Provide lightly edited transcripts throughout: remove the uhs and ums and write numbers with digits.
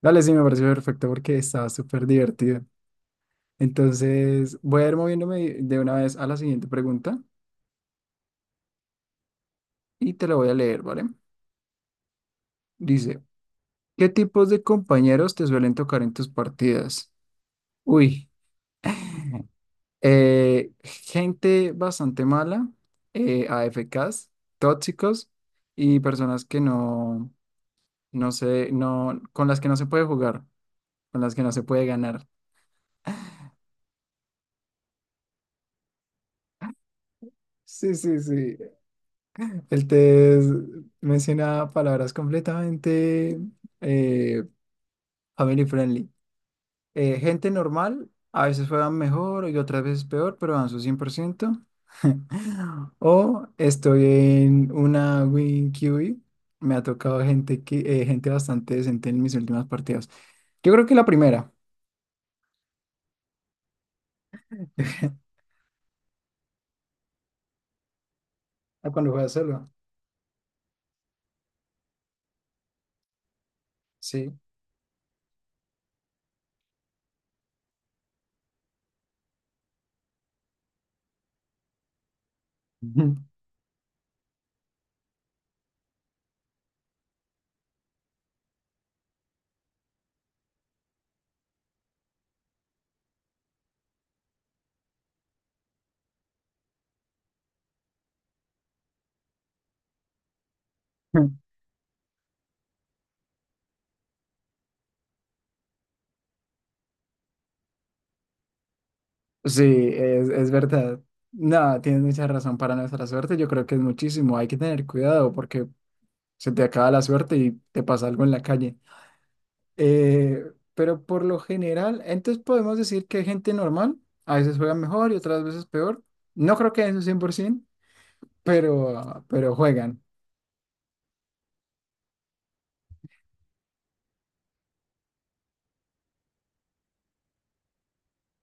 Dale, sí, me pareció perfecto porque estaba súper divertido. Entonces, voy a ir moviéndome de una vez a la siguiente pregunta y te la voy a leer, ¿vale? Dice, ¿qué tipos de compañeros te suelen tocar en tus partidas? Uy, gente bastante mala, AFKs, tóxicos y personas que no, no sé, no, con las que no se puede jugar, con las que no se puede ganar. Sí, sí, sí. El test menciona palabras completamente eh, family friendly. Gente normal, a veces juegan mejor y otras veces peor, pero dan su 100%. O estoy en una win QB. Me ha tocado gente, que, gente bastante decente en mis últimas partidas. Yo creo que la primera, a cuando juega solo. Sí. Sí, es verdad. No, tienes mucha razón para nuestra suerte. Yo creo que es muchísimo. Hay que tener cuidado porque se te acaba la suerte y te pasa algo en la calle. Eh, pero por lo general, entonces podemos decir que hay gente normal. A veces juegan mejor y otras veces peor. No creo que en un 100%, pero juegan.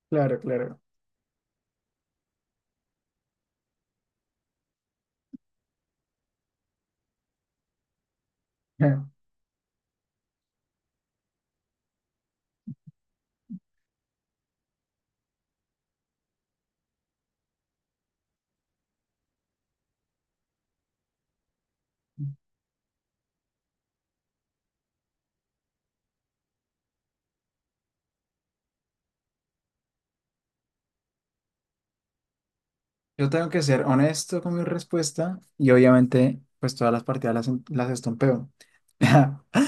Claro, claro. Yo tengo que ser honesto con mi respuesta y obviamente pues todas las partidas las estompeo.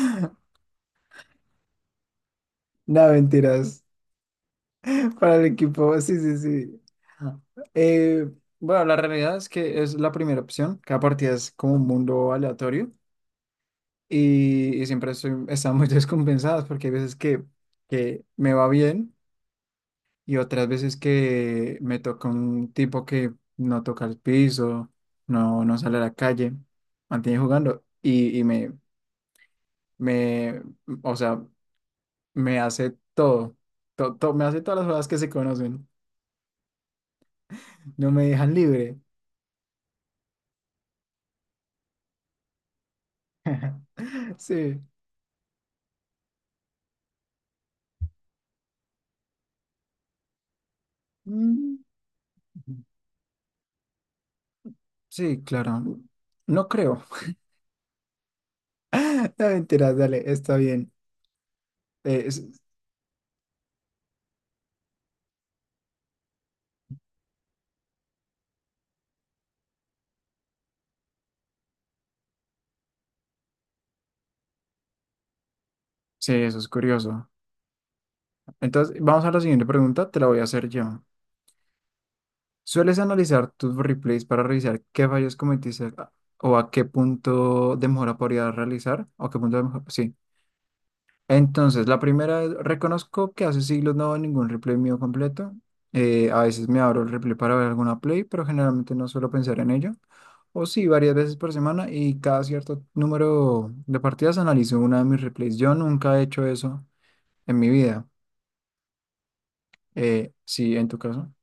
No, mentiras. Para el equipo, sí, sí, sí. Eh, bueno, la realidad es que es la primera opción. Cada partida es como un mundo aleatorio y siempre estoy, están muy descompensadas porque hay veces que me va bien y otras veces que me toca un tipo que no toca el piso, no, no sale a la calle, mantiene jugando y me, me, o sea, me hace todo, me hace todas las jugadas que se conocen, no me dejan libre. Sí. Mm, sí, claro. No creo. No, mentira, dale, está bien. Eh, es- sí, eso es curioso. Entonces, vamos a la siguiente pregunta, te la voy a hacer yo. ¿Sueles analizar tus replays para revisar qué fallos cometiste o a qué punto de mejora podrías realizar? ¿O qué punto de mejora? Entonces, la primera es, reconozco que hace siglos no veo ningún replay mío completo. A veces me abro el replay para ver alguna play, pero generalmente no suelo pensar en ello. O sí, varias veces por semana y cada cierto número de partidas analizo una de mis replays. Yo nunca he hecho eso en mi vida. Sí, en tu caso.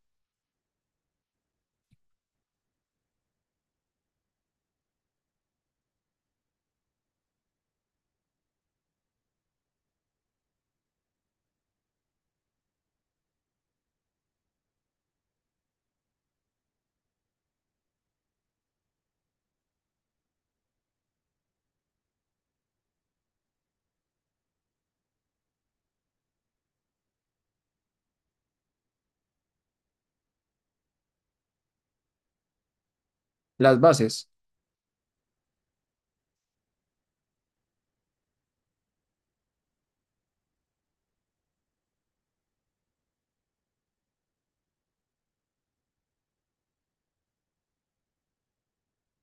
Las bases.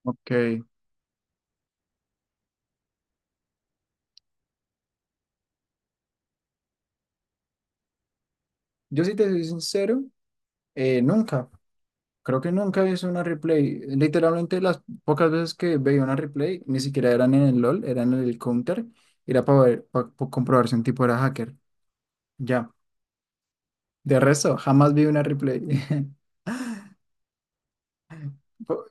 Ok. Yo sí te soy sincero, nunca. Creo que nunca vi una replay. Literalmente las pocas veces que veía una replay, ni siquiera eran en el LOL, eran en el Counter. Era para ver, para comprobar si un tipo era hacker. Ya. De resto, jamás vi una replay. Po-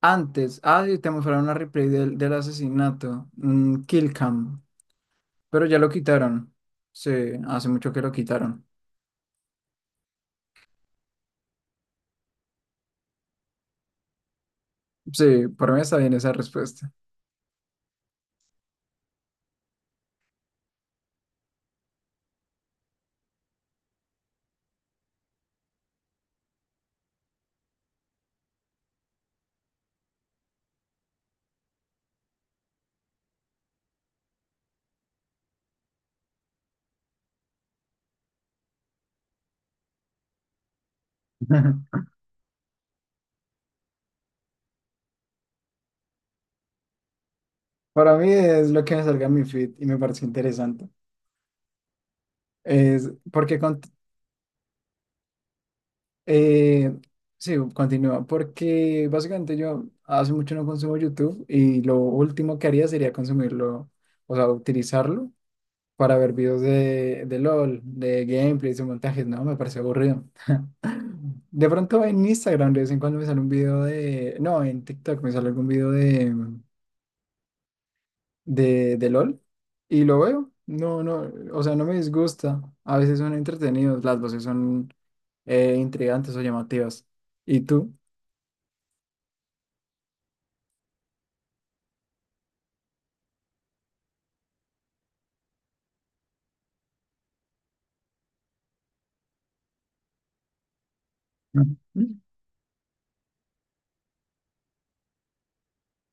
Antes, ah, sí, te mostraron una replay del, del asesinato, Kill Cam, pero ya lo quitaron. Sí, hace mucho que lo quitaron. Sí, por mí está bien esa respuesta. Para mí es lo que me salga en mi feed y me parece interesante. Es porque Eh, sí, continúa, porque básicamente yo hace mucho no consumo YouTube y lo último que haría sería consumirlo, o sea, utilizarlo para ver videos de LOL, de gameplays o montajes, no, me parece aburrido. De pronto en Instagram de vez en cuando me sale un video de, no, en TikTok me sale algún video de LOL y lo veo, no, no, o sea, no me disgusta, a veces son entretenidos, las voces son intrigantes o llamativas. ¿Y tú? Ujú.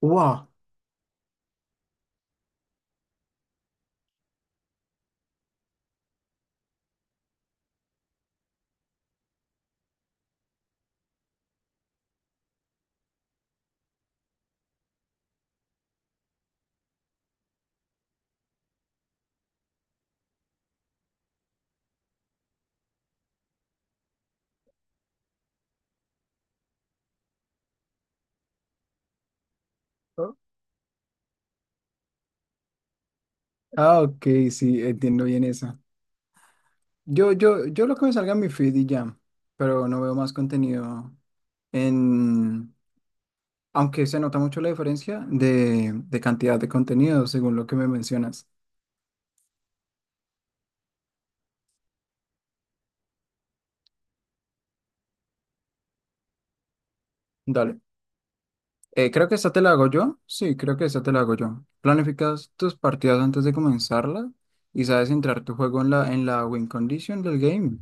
Wow. ¿No? Ah, ok, sí, entiendo bien esa. Yo lo que me salga en mi feed y ya, pero no veo más contenido en, aunque se nota mucho la diferencia de cantidad de contenido según lo que me mencionas. Dale. Creo que esta te la hago yo. Sí, creo que esta te la hago yo. Planificas tus partidas antes de comenzarlas y sabes entrar tu juego en la win condition del game.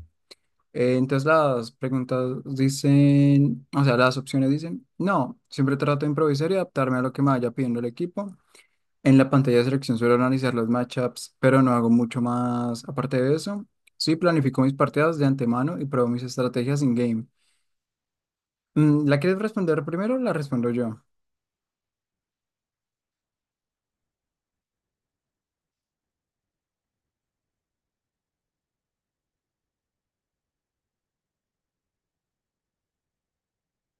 Entonces las preguntas dicen, o sea, las opciones dicen, no, siempre trato de improvisar y adaptarme a lo que me vaya pidiendo el equipo. En la pantalla de selección suelo analizar los matchups, pero no hago mucho más aparte de eso. Sí, planifico mis partidas de antemano y pruebo mis estrategias en game. Mm, ¿la quieres responder primero? O la respondo yo.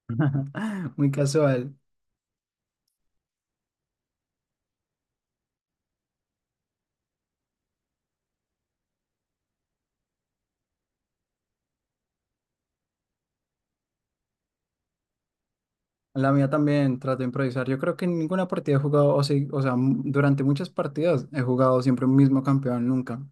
Muy casual. La mía también trato de improvisar. Yo creo que en ninguna partida he jugado, o sí, o sea, durante muchas partidas he jugado siempre un mismo campeón, nunca.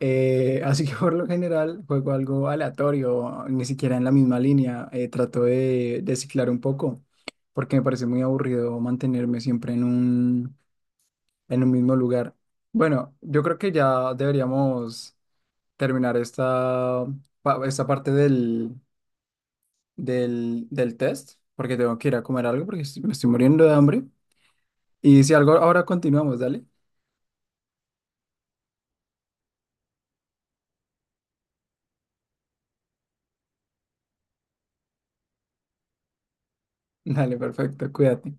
Así que por lo general juego algo aleatorio, ni siquiera en la misma línea. Trato de ciclar un poco, porque me parece muy aburrido mantenerme siempre en un mismo lugar. Bueno, yo creo que ya deberíamos terminar esta, esta parte del, del test, porque tengo que ir a comer algo, porque me estoy muriendo de hambre. Y si algo, ahora continuamos, dale. Dale, perfecto, cuídate.